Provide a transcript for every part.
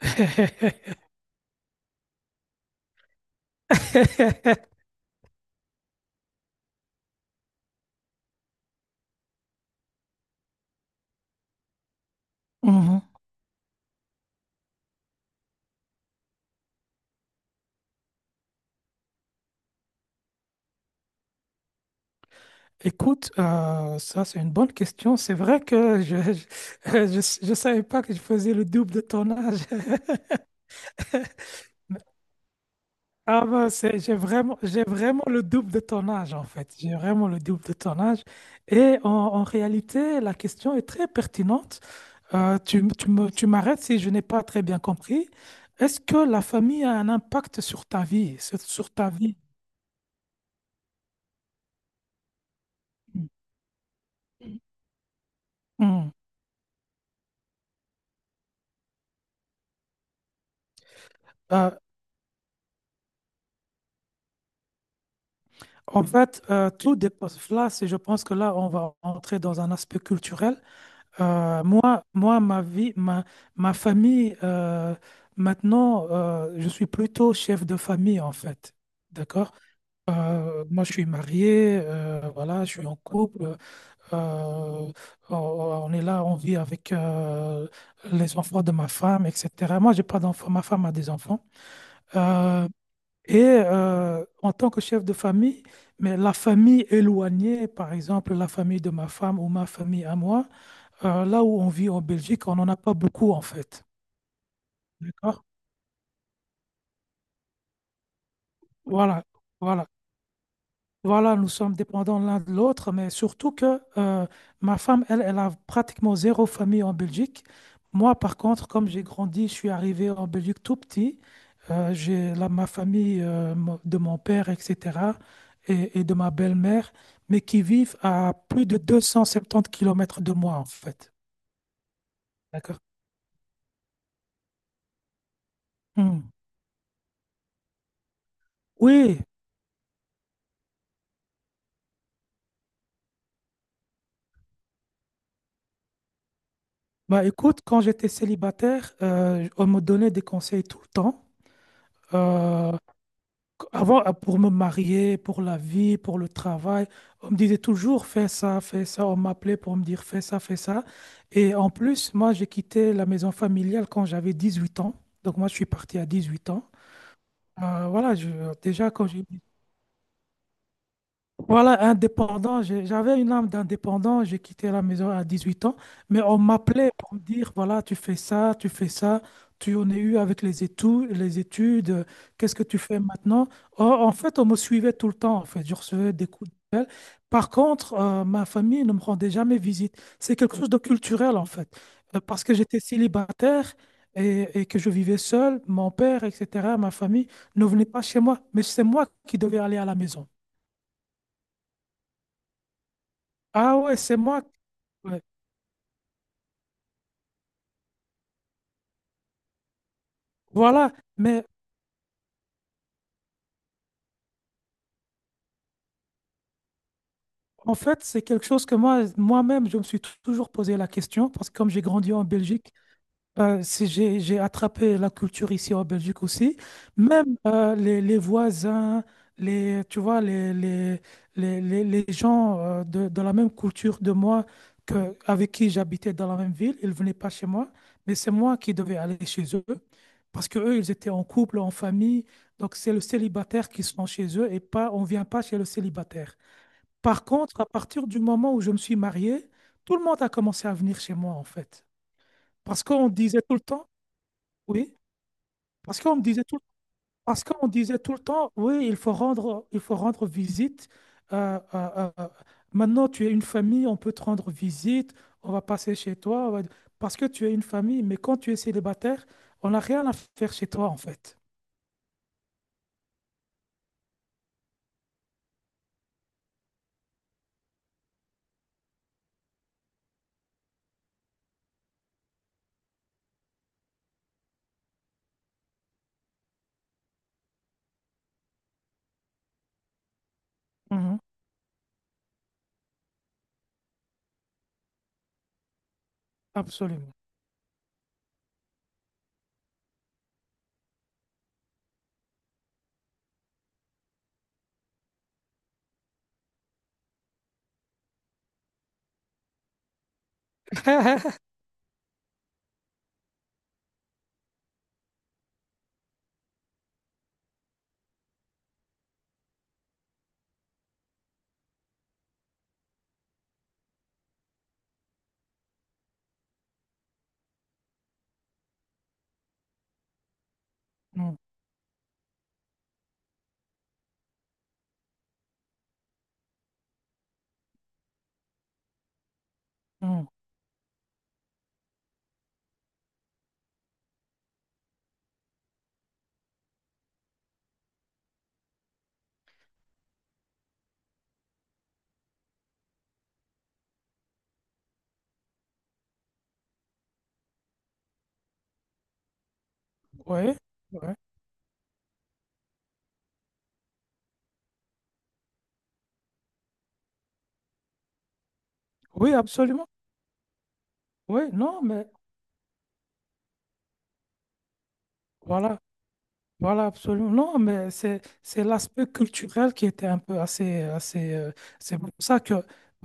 Mhm. Écoute, ça c'est une bonne question. C'est vrai que je savais pas que je faisais le double de ton âge. Ah ben, j'ai vraiment le double de ton âge, en fait. J'ai vraiment le double de ton âge. Et en réalité, la question est très pertinente. Tu m'arrêtes si je n'ai pas très bien compris. Est-ce que la famille a un impact sur ta vie, sur ta vie? Mm. Mm. Euh, En fait, tout dépasse là. Je pense que là, on va entrer dans un aspect culturel. Moi, ma vie, ma famille, maintenant, je suis plutôt chef de famille, en fait. D'accord? Moi, je suis marié, voilà, je suis en couple. euh, on est là, on vit avec les enfants de ma femme, etc. Moi, j'ai pas d'enfants, ma femme a des enfants. Euh, et en tant que chef de famille, mais la famille éloignée, par exemple la famille de ma femme ou ma famille à moi, là où on vit en Belgique, on n'en a pas beaucoup en fait. D'accord? Voilà, voilà. Voilà, nous sommes dépendants l'un de l'autre, mais surtout que ma femme, elle, elle a pratiquement zéro famille en Belgique. Moi, par contre, comme j'ai grandi, je suis arrivé en Belgique tout petit. Ma famille de mon père, etc., et de ma belle-mère, mais qui vivent à plus de 270 kilomètres de moi, en fait. D'accord? Hmm. Oui, bah écoute, quand j'étais célibataire, on me donnait des conseils tout le temps. Euh, Avant, pour me marier, pour la vie, pour le travail, on me disait toujours fais ça, fais ça. On m'appelait pour me dire fais ça, fais ça. Et en plus, moi, j'ai quitté la maison familiale quand j'avais 18 ans. Donc, moi, je suis parti à 18 ans. Voilà, déjà, quand j'ai voilà, indépendant. J'avais une âme d'indépendant. J'ai quitté la maison à 18 ans, mais on m'appelait pour me dire, voilà, tu fais ça, tu fais ça, tu en es eu avec les études, qu'est-ce que tu fais maintenant? Or, en fait, on me suivait tout le temps, en fait. Je recevais des coups de pelle. Par contre, ma famille ne me rendait jamais visite. C'est quelque chose de culturel, en fait. Parce que j'étais célibataire et que je vivais seul, mon père, etc., ma famille ne venait pas chez moi, mais c'est moi qui devais aller à la maison. Ah ouais, c'est moi. Ouais. Voilà, mais en fait, c'est quelque chose que moi, moi-même, je me suis toujours posé la question, parce que comme j'ai grandi en Belgique, si j'ai attrapé la culture ici en Belgique aussi. Même les voisins, les, tu vois, les gens de la même culture de moi que, avec qui j'habitais dans la même ville, ils ne venaient pas chez moi, mais c'est moi qui devais aller chez eux parce que eux, ils étaient en couple, en famille. Donc, c'est le célibataire qui sont chez eux et pas, on ne vient pas chez le célibataire. Par contre, à partir du moment où je me suis marié, tout le monde a commencé à venir chez moi, en fait. Parce qu'on disait tout le temps, oui, parce qu'on me disait tout, parce qu'on disait tout le temps, oui, il faut rendre visite. euh, euh, euh, euh, Maintenant, tu es une famille, on peut te rendre visite, on va passer chez toi, parce que tu es une famille. Mais quand tu es célibataire, on n'a rien à faire chez toi, en fait. Mhm, absolument. Mm, mm, ouais, ouais. Oui, absolument. Oui, non, mais voilà. Voilà, absolument. Non, mais c'est l'aspect culturel qui était un peu assez assez, c'est pour ça que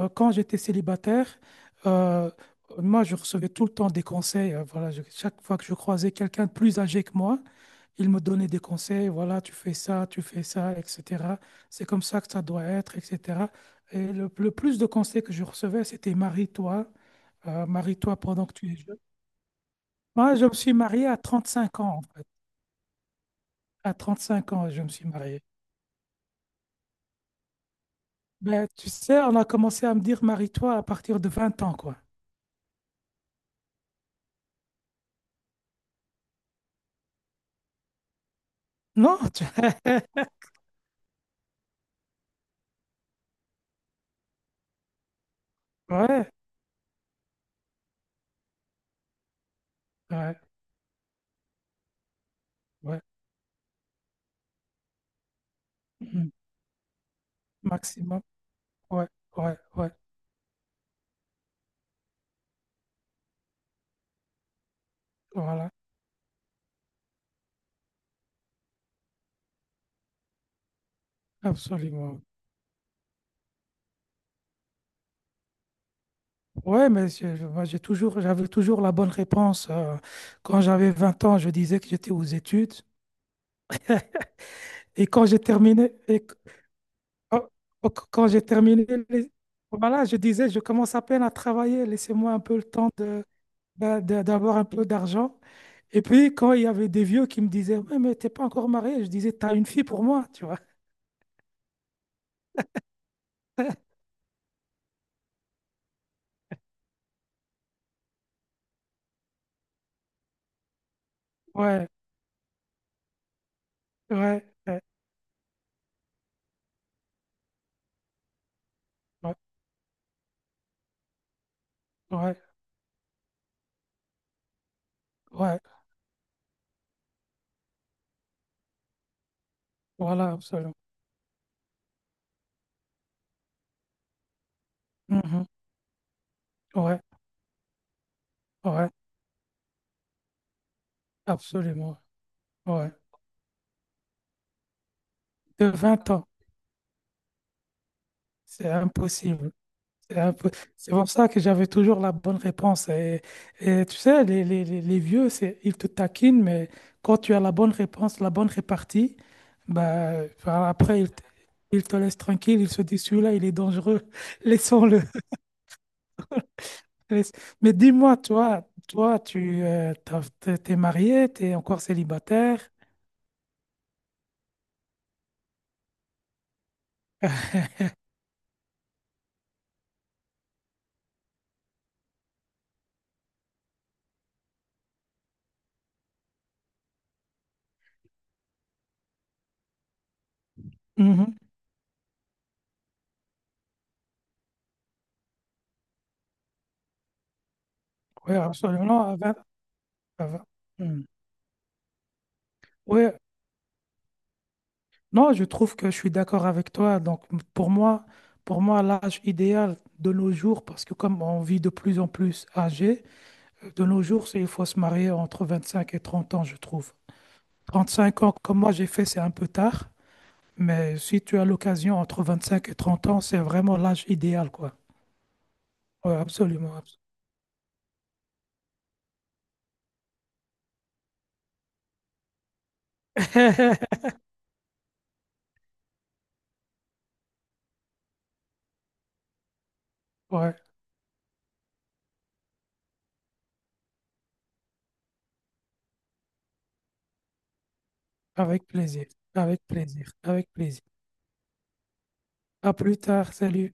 quand j'étais célibataire, euh, moi je recevais tout le temps des conseils. Voilà, chaque fois que je croisais quelqu'un de plus âgé que moi, il me donnait des conseils. Voilà, tu fais ça, etc. C'est comme ça que ça doit être, etc. Et le plus de conseils que je recevais, c'était marie-toi pendant que tu es jeune. Moi, je me suis marié à 35 ans, en fait. À 35 ans, je me suis marié. Ben, tu sais, on a commencé à me dire marie-toi à partir de 20 ans, quoi. Non, ouais, ouais, ouais. Mhm. Maximum, ouais, ouais, ouais, voilà, absolument. Ouais, mais moi, j'avais toujours la bonne réponse. Quand j'avais 20 ans, je disais que j'étais aux études. Et quand j'ai terminé, oh, oh, qu- quand j'ai terminé, les- voilà, je disais, je commence à peine à travailler, laissez-moi un peu le temps de, ben, d'avoir un peu d'argent. Et puis, quand il y avait des vieux qui me disaient, ouais, mais t'es pas encore marié, je disais, t'as une fille pour moi, tu vois. Ouais, ouais, ouais, ouais, ouais, ouais, voilà, absolument. Mhm, ouais, ouais, absolument. Ouais. De 20 ans, c'est impossible. C'est pour ça que j'avais toujours la bonne réponse. Et tu sais, les vieux, ils te taquinent, mais quand tu as la bonne réponse, la bonne répartie, bah, enfin, après, ils te laissent tranquille. Ils se disent, celui-là, il est dangereux. Laissons-le. Mais mais dis-moi, toi, t'es marié, tu es encore célibataire. Oui, absolument. À vingt- Mhm. Ouais. Non, je trouve que je suis d'accord avec toi. Donc, pour moi, l'âge idéal de nos jours, parce que comme on vit de plus en plus âgé, de nos jours, il faut se marier entre 25 et 30 ans, je trouve. 35 ans, comme moi j'ai fait, c'est un peu tard. Mais si tu as l'occasion entre 25 et 30 ans, c'est vraiment l'âge idéal, quoi. Oui, absolument, absolument. Ouais, avec plaisir, avec plaisir, avec plaisir. À plus tard, salut.